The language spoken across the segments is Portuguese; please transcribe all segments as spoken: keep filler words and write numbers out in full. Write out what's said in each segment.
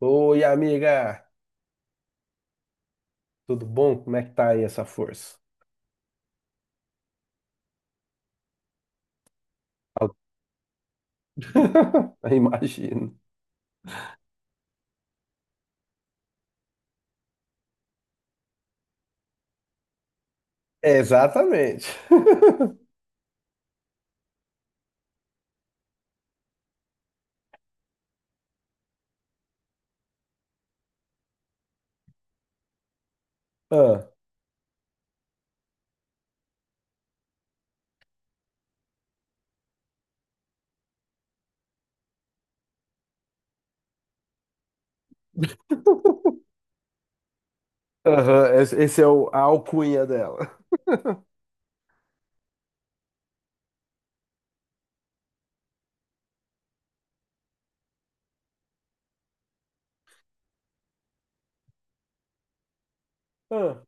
Oi, amiga! Tudo bom? Como é que tá aí essa força? Al- Imagino. Exatamente. Ah, aham, esse esse é o, a alcunha dela. Ah.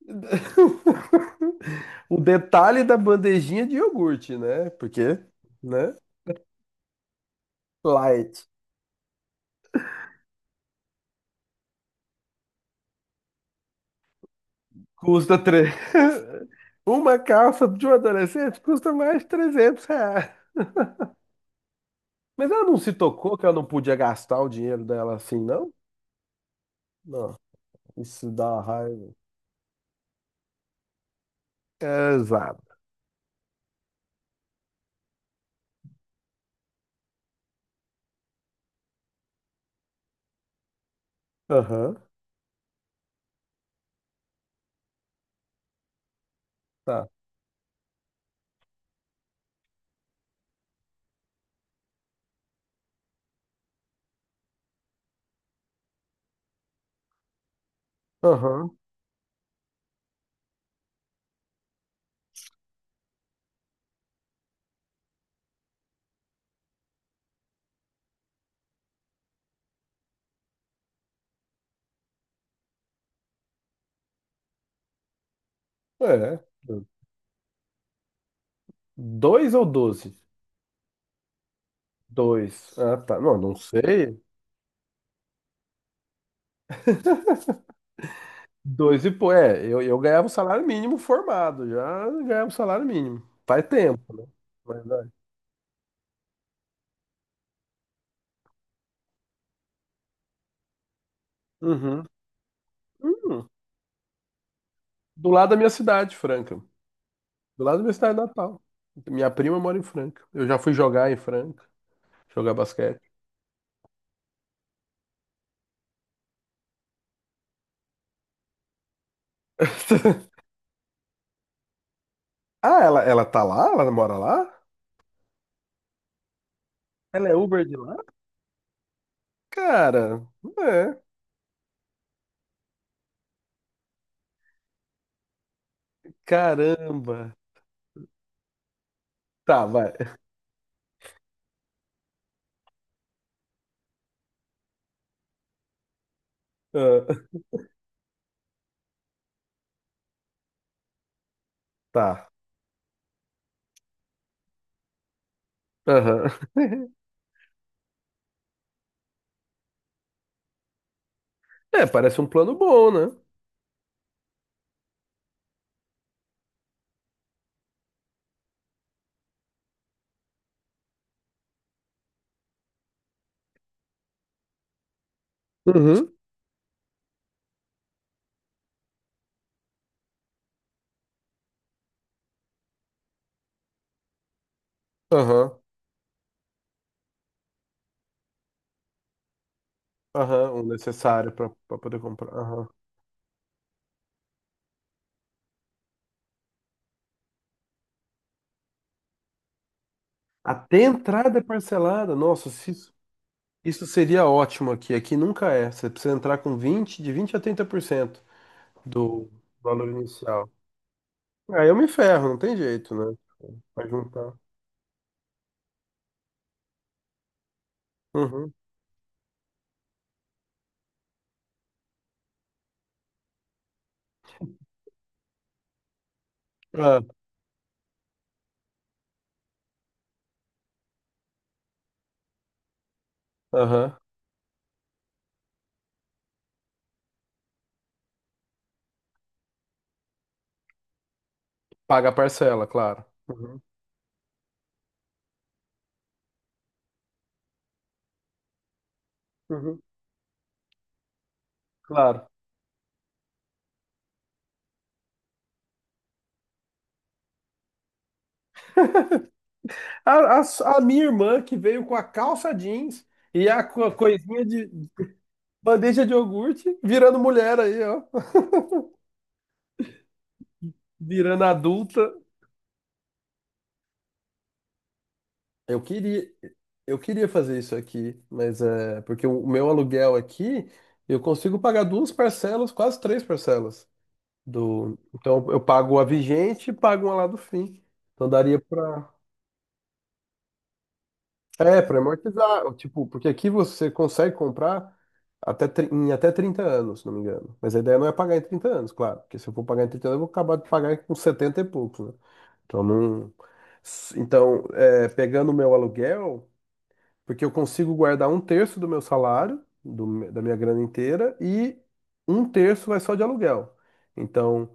O detalhe da bandejinha de iogurte, né? Porque, né? Light. Custa três. Uma calça de um adolescente custa mais de trezentos reais. Mas ela não se tocou que ela não podia gastar o dinheiro dela assim, não? Não, isso dá raiva. Exato. Aham, tá. Aham, é. Dois ou doze? Dois. Ah, tá. Não, não sei. Dois e pô, é, eu, eu ganhava o salário mínimo formado, já ganhava o salário mínimo. Faz tempo, né? Mas vai. Uhum. Hum, do lado da minha cidade, Franca. Do lado da minha cidade natal. Minha prima mora em Franca. Eu já fui jogar em Franca, jogar basquete. Ah, ela, ela tá lá? Ela mora lá? Ela é Uber de lá? Cara, é. Caramba. Tá, vai. Ah, tá. Aham. É, parece um plano bom, né? Uhum. Aham. Aham. O necessário para poder comprar. Aham. Até entrada é parcelada. Nossa, se isso, isso seria ótimo aqui. Aqui nunca é. Você precisa entrar com vinte de vinte a trinta por cento do valor inicial. Aí eu me ferro, não tem jeito, né? Vai juntar. Uhum. Ah, aham. Paga a parcela, claro. Uhum. Uhum. Claro. A, a s- a minha irmã que veio com a calça jeans e a co- coisinha de bandeja de iogurte, virando mulher aí, ó, virando adulta. Eu queria, eu queria fazer isso aqui, mas é porque o meu aluguel aqui eu consigo pagar duas parcelas, quase três parcelas do. Então eu pago a vigente e pago uma lá do fim. Então daria para É, para amortizar, tipo, porque aqui você consegue comprar até, tri- em até trinta anos, se não me engano. Mas a ideia não é pagar em trinta anos, claro, porque se eu for pagar em trinta anos, eu vou acabar de pagar com setenta e poucos, né? Então, não. S- então é, pegando o meu aluguel, porque eu consigo guardar um terço do meu salário, do me- da minha grana inteira, e um terço vai só de aluguel. Então,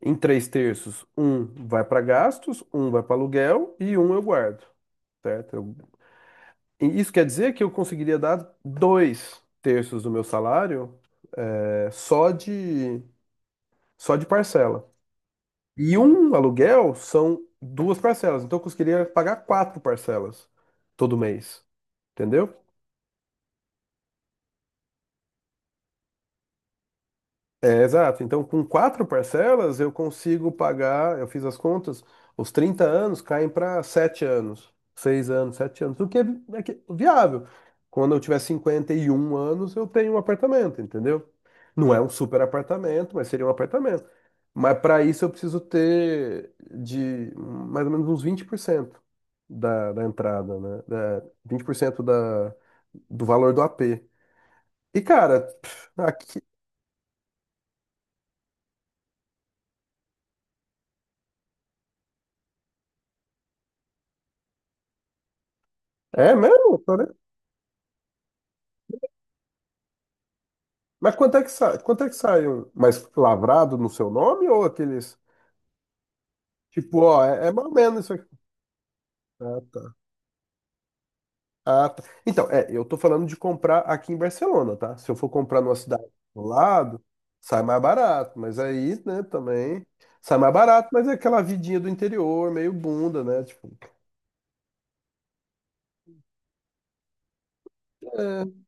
em três terços, um vai para gastos, um vai para aluguel e um eu guardo. Certo? Eu e isso quer dizer que eu conseguiria dar dois terços do meu salário, é, só de, só de parcela. E um aluguel são duas parcelas. Então eu conseguiria pagar quatro parcelas todo mês. Entendeu? É, exato. Então, com quatro parcelas, eu consigo pagar, eu fiz as contas, os trinta anos caem para sete anos, seis anos, sete anos, o que é, vi- é que- viável. Quando eu tiver cinquenta e um anos, eu tenho um apartamento, entendeu? Não é um super apartamento, mas seria um apartamento. Mas para isso eu preciso ter de mais ou menos uns vinte por cento da, da entrada, né? Da, vinte por cento da, do valor do A P. E, cara, pff, aqui. É mesmo? Mas quanto é que sai? Quanto é que sai um mais lavrado no seu nome ou aqueles tipo, ó, é, é mais ou menos isso aqui. Ah, tá. Ah, tá. Então, é, eu tô falando de comprar aqui em Barcelona, tá? Se eu for comprar numa cidade do lado, sai mais barato, mas aí, né, também sai mais barato, mas é aquela vidinha do interior, meio bunda, né? Tipo, é.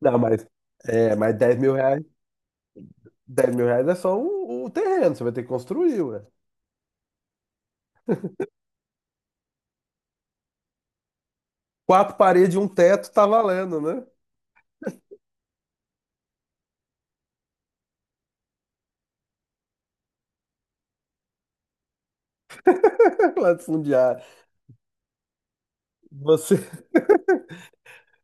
Não, mas é, mas dez mil reais, dez mil reais é só o, o terreno, você vai ter que construir, ué. Quatro paredes e um teto tá valendo, né? Latifundiário. Você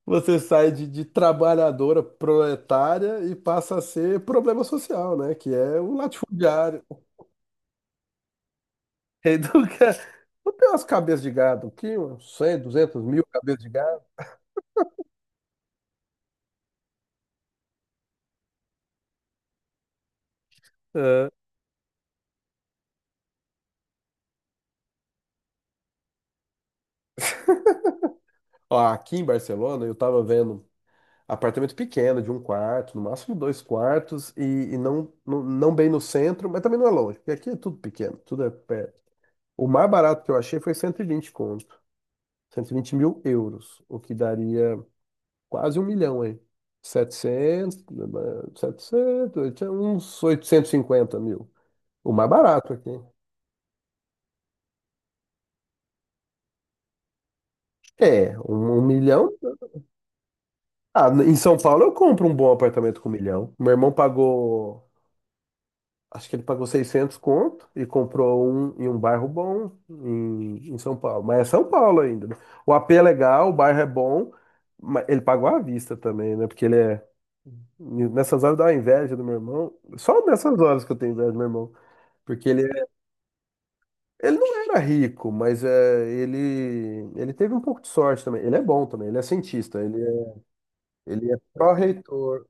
Você sai de, de trabalhadora proletária e passa a ser problema social, né? Que é o latifundiário. Educa. Não tem umas cabeças de gado aqui, uns cem, duzentos, mil cabeças de gado. É. Ó, aqui em Barcelona, eu tava vendo apartamento pequeno, de um quarto, no máximo dois quartos, e, e não, não, não bem no centro, mas também não é longe, porque aqui é tudo pequeno, tudo é perto. O mais barato que eu achei foi cento e vinte conto, cento e vinte mil euros, o que daria quase um milhão aí. Setecentos, eh, setecentos, oitocentos uns oitocentos e cinquenta mil. O mais barato aqui. É, um, um milhão. Ah, em São Paulo eu compro um bom apartamento com um milhão. Meu irmão pagou, acho que ele pagou seiscentos conto e comprou um em um bairro bom em, em São Paulo. Mas é São Paulo ainda, né? O A P é legal, o bairro é bom, mas ele pagou à vista também, né? Porque ele é. Nessas horas dá uma inveja do meu irmão. Só nessas horas que eu tenho inveja do meu irmão. Porque ele Ele não era rico, mas é, ele, ele teve um pouco de sorte também. Ele é bom também, ele é cientista, ele é, ele é pró-reitor.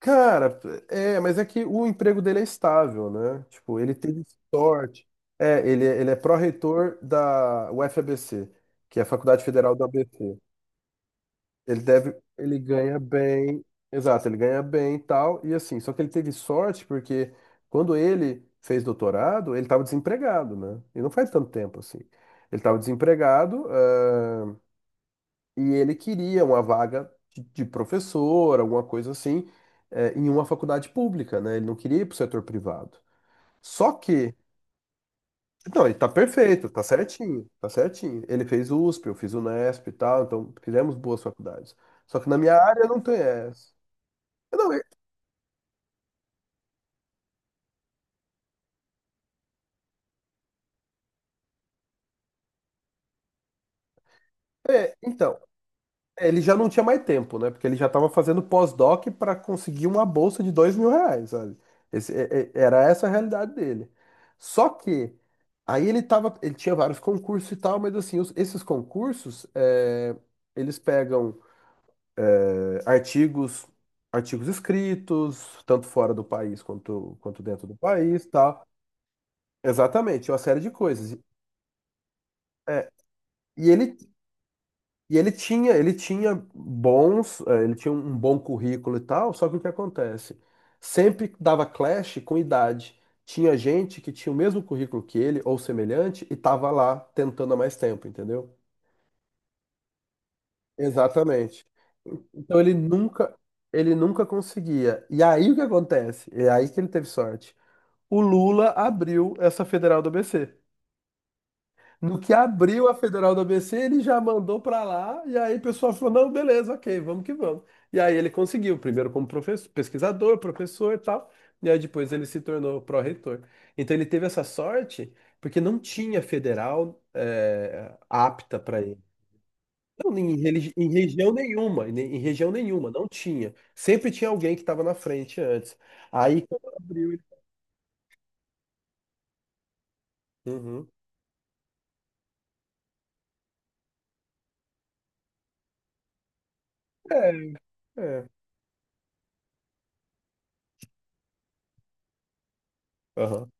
Cara, é, mas é que o emprego dele é estável, né? Tipo, ele teve sorte. É, ele, é, ele é pró-reitor da UFABC, que é a Faculdade Federal do A B C. Ele deve, ele ganha bem, exato, ele ganha bem e tal, e assim, só que ele teve sorte porque quando ele fez doutorado, ele estava desempregado, né? E não faz tanto tempo assim. Ele estava desempregado, ah, e ele queria uma vaga de, de professor, alguma coisa assim, eh, em uma faculdade pública, né? Ele não queria ir para o setor privado. Só que, não, ele tá perfeito, tá certinho, tá certinho. Ele fez USP, eu fiz UNESP e tal, então fizemos boas faculdades. Só que na minha área não tem essa. Não, é, é, então, é, ele já não tinha mais tempo, né? Porque ele já estava fazendo pós-doc para conseguir uma bolsa de dois mil reais, sabe? Esse- é- é- era essa a realidade dele. Só que aí ele tava, ele tinha vários concursos e tal, mas assim, os- esses concursos, é, eles pegam é, artigos, artigos, escritos, tanto fora do país quanto, quanto dentro do país, e tal. Exatamente, uma série de coisas. É. e ele E ele tinha, ele tinha bons, eh, ele tinha um bom currículo e tal, só que o que acontece? Sempre dava clash com idade. Tinha gente que tinha o mesmo currículo que ele, ou semelhante, e tava lá tentando há mais tempo, entendeu? Exatamente. Então ele nunca, ele nunca conseguia. E aí o que acontece? É aí que ele teve sorte. O Lula abriu essa federal do A B C. No que abriu a Federal do A B C, ele já mandou para lá, e aí o pessoal falou: não, beleza, ok, vamos que vamos. E aí ele conseguiu, primeiro como professor, pesquisador, professor e tal, e aí depois ele se tornou pró-reitor. Então ele teve essa sorte, porque não tinha federal eh, apta para ele. Não, em, religi- em região nenhuma, em, em região nenhuma, não tinha. Sempre tinha alguém que estava na frente antes. Aí quando abriu. ele- Uhum, é, aham,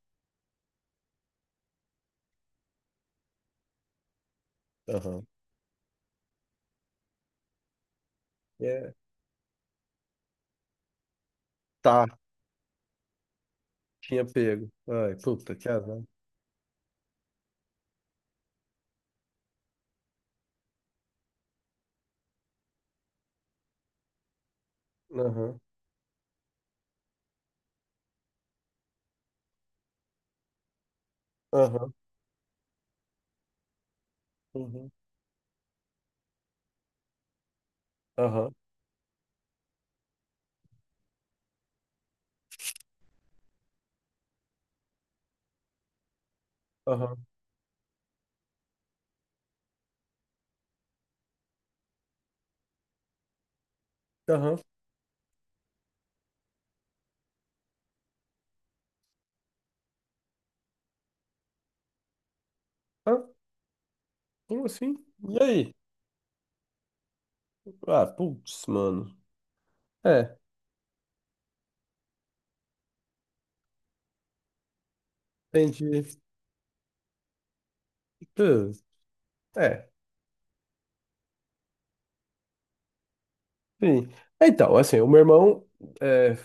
aham. É. Tá. Tinha pego. Ai, puta, que azar. Aham, aham, uhum, aham, aham, aham. Ah, como assim? E aí? Ah, putz, mano. É, entendi. Pô. É. Sim. Então, assim, o meu irmão, é,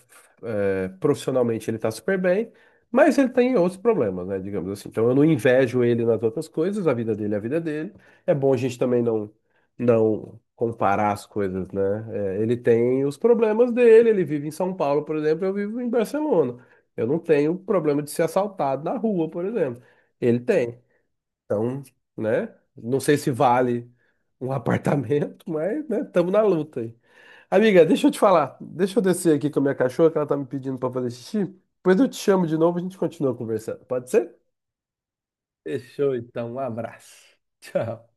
é, profissionalmente, ele tá super bem, mas ele tem outros problemas, né, digamos assim. Então, eu não invejo ele nas outras coisas, a vida dele é a vida dele. É bom a gente também não, não comparar as coisas, né? É, ele tem os problemas dele, ele vive em São Paulo, por exemplo, eu vivo em Barcelona. Eu não tenho problema de ser assaltado na rua, por exemplo. Ele tem. Então, né? Não sei se vale um apartamento, mas, né, estamos na luta aí. Amiga, deixa eu te falar. Deixa eu descer aqui com a minha cachorra, que ela tá me pedindo para fazer xixi. Depois eu te chamo de novo e a gente continua conversando. Pode ser? Fechou, então. Um abraço. Tchau.